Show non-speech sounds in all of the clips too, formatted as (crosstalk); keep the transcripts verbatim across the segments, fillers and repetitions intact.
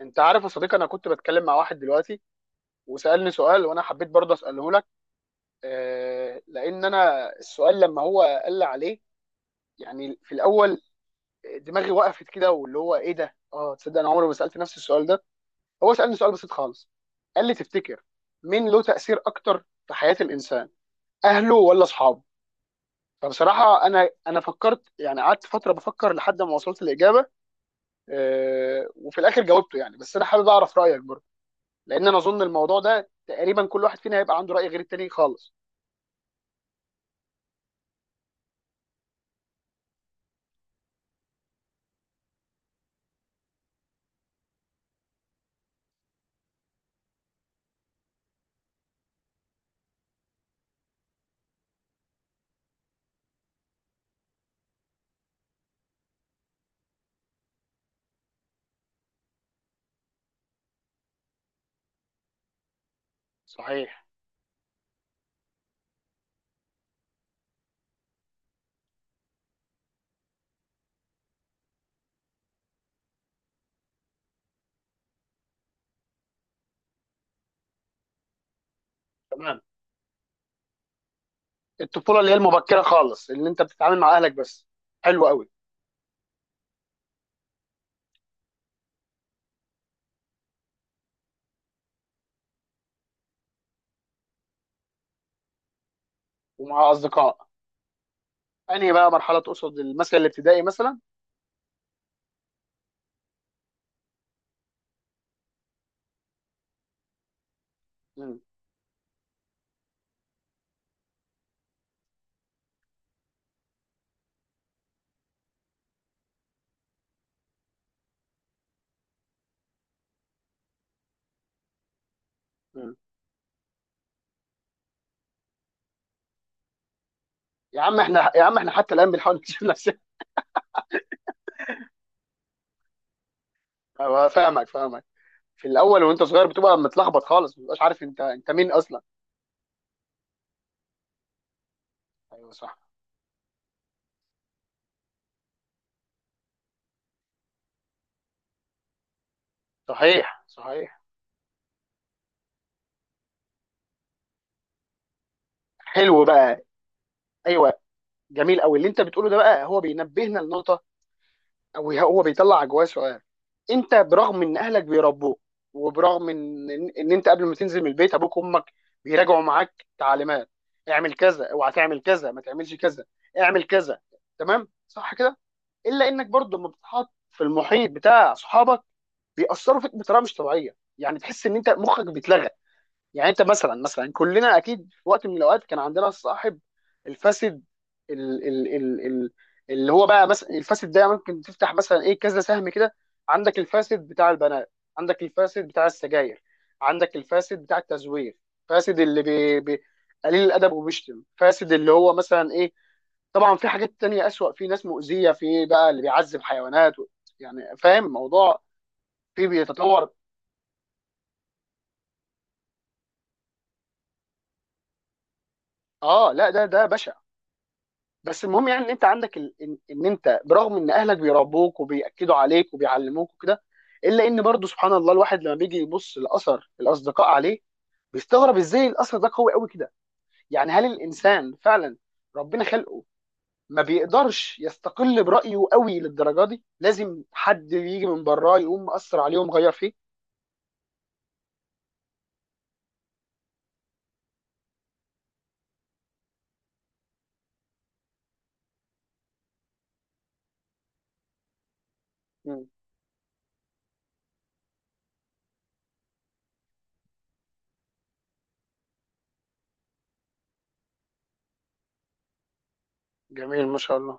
انت عارف يا صديقي، انا كنت بتكلم مع واحد دلوقتي وسالني سؤال، وانا حبيت برضه اساله لك. آه، لان انا السؤال لما هو قال لي عليه، يعني في الاول دماغي وقفت كده، واللي هو ايه ده؟ اه تصدق انا عمري ما سالت نفسي السؤال ده؟ هو سالني سؤال بسيط خالص، قال لي تفتكر مين له تاثير اكتر في حياه الانسان، اهله ولا اصحابه؟ فبصراحه انا انا فكرت يعني، قعدت فتره بفكر لحد ما وصلت الاجابه. آه، وفي الاخر جاوبته يعني، بس انا حابب اعرف رايك برضه، لان انا اظن الموضوع ده تقريبا كل واحد فينا هيبقى عنده راي غير التاني خالص. صحيح. تمام. الطفوله اللي هي المبكره خالص، اللي انت بتتعامل مع اهلك بس. حلو قوي. ومع اصدقاء. انهي بقى مرحله تقصد؟ المثل الابتدائي مثلا؟ مم. مم. يا عم احنا، يا عم احنا حتى الان بنحاول نكتشف نفسنا. أيوة، فاهمك فاهمك. في الاول وانت صغير بتبقى متلخبط خالص، ما بتبقاش عارف انت انت مين اصلا. ايوه صح. صحيح صحيح. حلو بقى. ايوه. جميل قوي اللي انت بتقوله ده، بقى هو بينبهنا لنقطه. هو هو بيطلع جواه سؤال. انت برغم ان اهلك بيربوك، وبرغم ان ان إن انت قبل ما تنزل من البيت ابوك وامك بيراجعوا معاك تعليمات، اعمل كذا، اوعى تعمل كذا، ما تعملش كذا، اعمل كذا. تمام، صح كده؟ الا انك برضه لما بتتحط في المحيط بتاع اصحابك بيأثروا فيك بطريقه مش طبيعيه، يعني تحس ان انت مخك بيتلغى. يعني انت مثلا مثلا كلنا اكيد في وقت من الاوقات كان عندنا الصاحب الفاسد. ال ال ال ال اللي هو بقى مثلا الفاسد ده ممكن تفتح مثلا ايه كذا سهم كده. عندك الفاسد بتاع البنات، عندك الفاسد بتاع السجاير، عندك الفاسد بتاع التزوير. فاسد اللي بي بي قليل الادب وبيشتم، فاسد اللي هو مثلا ايه. طبعا في حاجات تانية أسوأ، في ناس مؤذية، في بقى اللي بيعذب حيوانات و... يعني فاهم الموضوع؟ في بيتطور. اه لا، ده ده بشع. بس المهم يعني ان انت عندك ال... ان إن انت برغم ان اهلك بيربوك وبياكدوا عليك وبيعلموك وكده، الا ان برضه سبحان الله الواحد لما بيجي يبص لاثر الاصدقاء عليه بيستغرب ازاي الاثر ده قوي قوي كده. يعني هل الانسان فعلا ربنا خلقه ما بيقدرش يستقل برايه قوي للدرجه دي، لازم حد يجي من براه يقوم مأثر عليه ومغير فيه؟ مم. جميل ما شاء الله.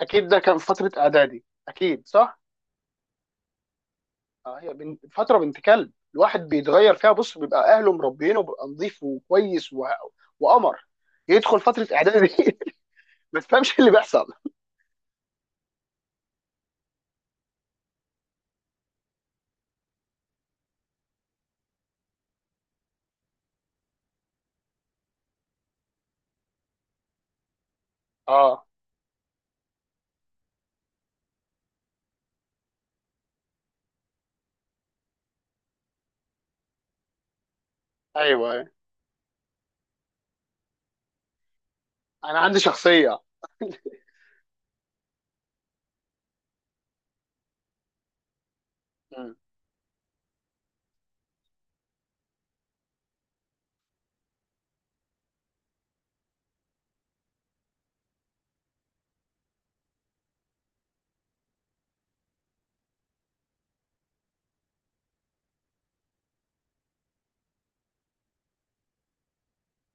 اكيد ده كان فتره اعدادي، اكيد صح. اه هي بنت فتره بنت كلب، الواحد بيتغير فيها، بص بيبقى اهله مربينه بيبقى نظيف وكويس و... وقمر، يدخل فتره اعدادي دي. (laughs) ما تفهمش اللي بيحصل. اه ايوه أيوة. انا عندي شخصيه. (laughs) مم.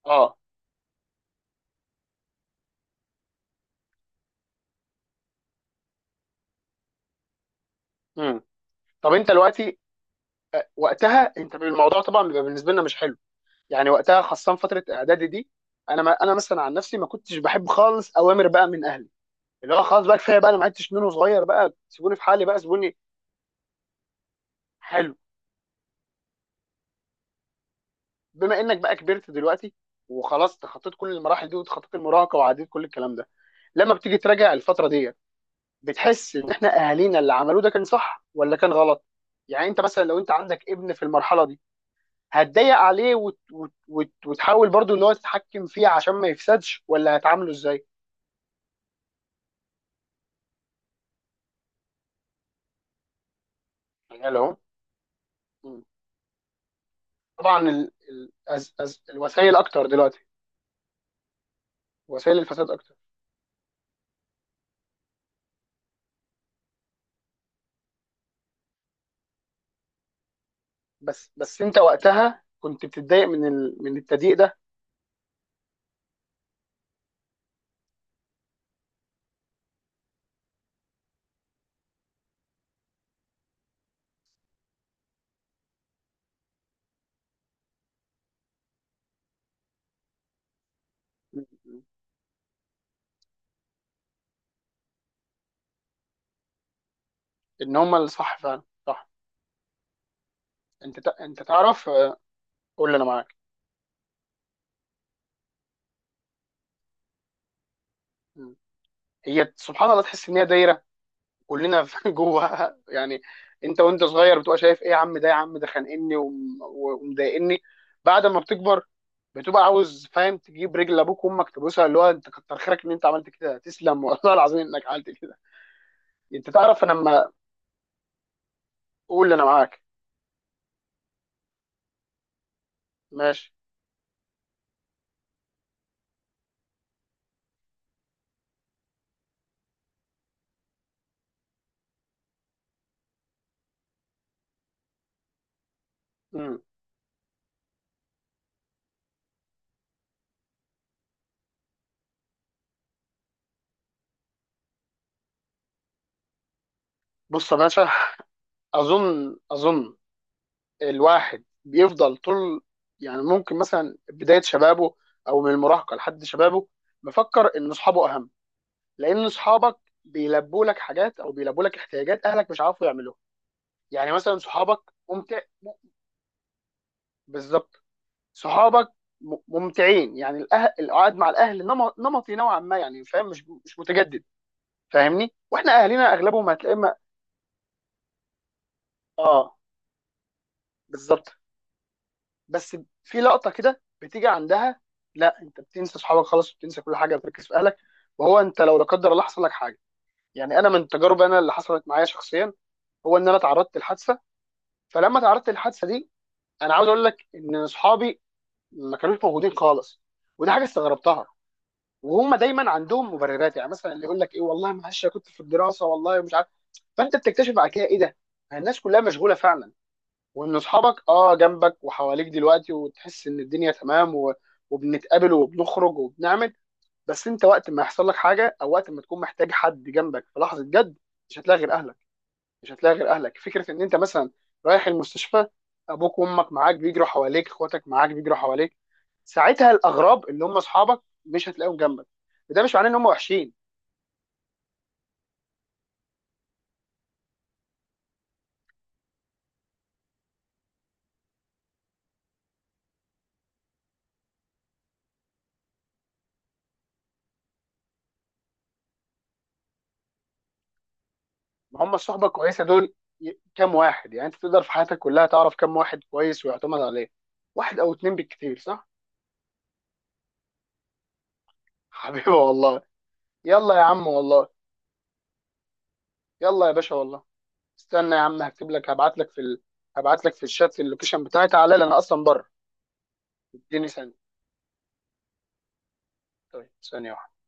اه مم. طب انت دلوقتي، وقتها انت الموضوع طبعا بيبقى بالنسبه لنا مش حلو. يعني وقتها خاصه فتره اعدادي دي، انا ما انا مثلا عن نفسي ما كنتش بحب خالص اوامر بقى من اهلي، اللي هو خلاص بقى كفايه بقى، انا ما عدتش منه صغير بقى، سيبوني في حالي بقى سيبوني. حلو. بما انك بقى كبرت دلوقتي، وخلاص تخطيت كل المراحل دي وتخطيت المراهقه وعديت كل الكلام ده، لما بتيجي تراجع الفتره دي بتحس ان احنا اهالينا اللي عملوه ده كان صح ولا كان غلط؟ يعني انت مثلا لو انت عندك ابن في المرحله دي، هتضايق عليه وت... وت... وت... وتحاول برضو ان هو تتحكم فيه عشان ما يفسدش، ولا هتعامله ازاي؟ يعني لو طبعا ال... ال... أز... أز... الوسائل اكتر دلوقتي، وسائل الفساد اكتر. بس بس انت وقتها كنت بتتضايق من ال... من التضييق ده. ان هم اللي صح فعلا صح. انت تع- انت تعرف، آه، قول لي انا معاك. مم. هي سبحان الله تحس ان هي دايره كلنا (laughs) في جواها يعني. انت وانت صغير بتبقى شايف ايه، يا عم ده يا عم ده خانقني وم- ومضايقني. بعد ما بتكبر بتبقى عاوز فاهم تجيب رجل ابوك وامك تبوسها، اللي هو انت كتر خيرك ان انت عملت كده، تسلم (laughs) والله العظيم انك عملت كده. انت تعرف انا لما، قول لي انا معاك. ماشي. مم. بص يا باشا. اظن اظن الواحد بيفضل طول، يعني ممكن مثلا بداية شبابه أو من المراهقة لحد شبابه، مفكر إن أصحابه أهم. لأن أصحابك بيلبوا لك حاجات أو بيلبوا لك احتياجات أهلك مش عارفوا يعملوها. يعني مثلا صحابك ممتع م- بالظبط. صحابك م- ممتعين، يعني الأهل، القعد مع الأهل نمط- نمطي نوعا ما، يعني فاهم؟ مش مش متجدد. فاهمني، واحنا أهلنا أغلبهم هتلاقي ما- اه بالظبط. بس في لقطه كده بتيجي عندها، لا، انت بتنسى اصحابك خلاص وبتنسى كل حاجه بتركز في اهلك. وهو انت لو لا قدر الله حصل لك حاجه، يعني انا من تجارب انا اللي حصلت معايا شخصيا، هو ان انا تعرضت لحادثه. فلما تعرضت للحادثه دي، انا عاوز اقول لك ان اصحابي ما كانوش موجودين خالص، ودي حاجه استغربتها. وهم دايما عندهم مبررات، يعني مثلا اللي يقول لك ايه والله معلش، أنا كنت في الدراسه، والله مش عارف. فانت بتكتشف بعد كده ايه ده، الناس كلها مشغوله فعلا. وان اصحابك اه جنبك وحواليك دلوقتي وتحس ان الدنيا تمام و... وبنتقابل وبنخرج وبنعمل. بس انت وقت ما يحصل لك حاجه او وقت ما تكون محتاج حد جنبك في لحظه جد، مش هتلاقي غير اهلك. مش هتلاقي غير اهلك، فكره ان انت مثلا رايح المستشفى، ابوك وامك معاك بيجروا حواليك، اخواتك معاك بيجروا حواليك، ساعتها الاغراب اللي هم اصحابك مش هتلاقيهم جنبك. وده مش معناه ان هم وحشين، ما هم الصحبه الكويسه دول. ي- كام واحد يعني انت تقدر في حياتك كلها تعرف كام واحد كويس ويعتمد عليه؟ واحد او اتنين بالكتير، صح؟ حبيبي والله. يلا يا عم والله. يلا يا باشا والله. استنى يا عم، هكتب لك، هبعت لك في ال... هبعت لك في الشات اللوكيشن بتاعي، تعالى لي، انا اصلا بره. اديني ثانيه. طيب ثانيه واحده.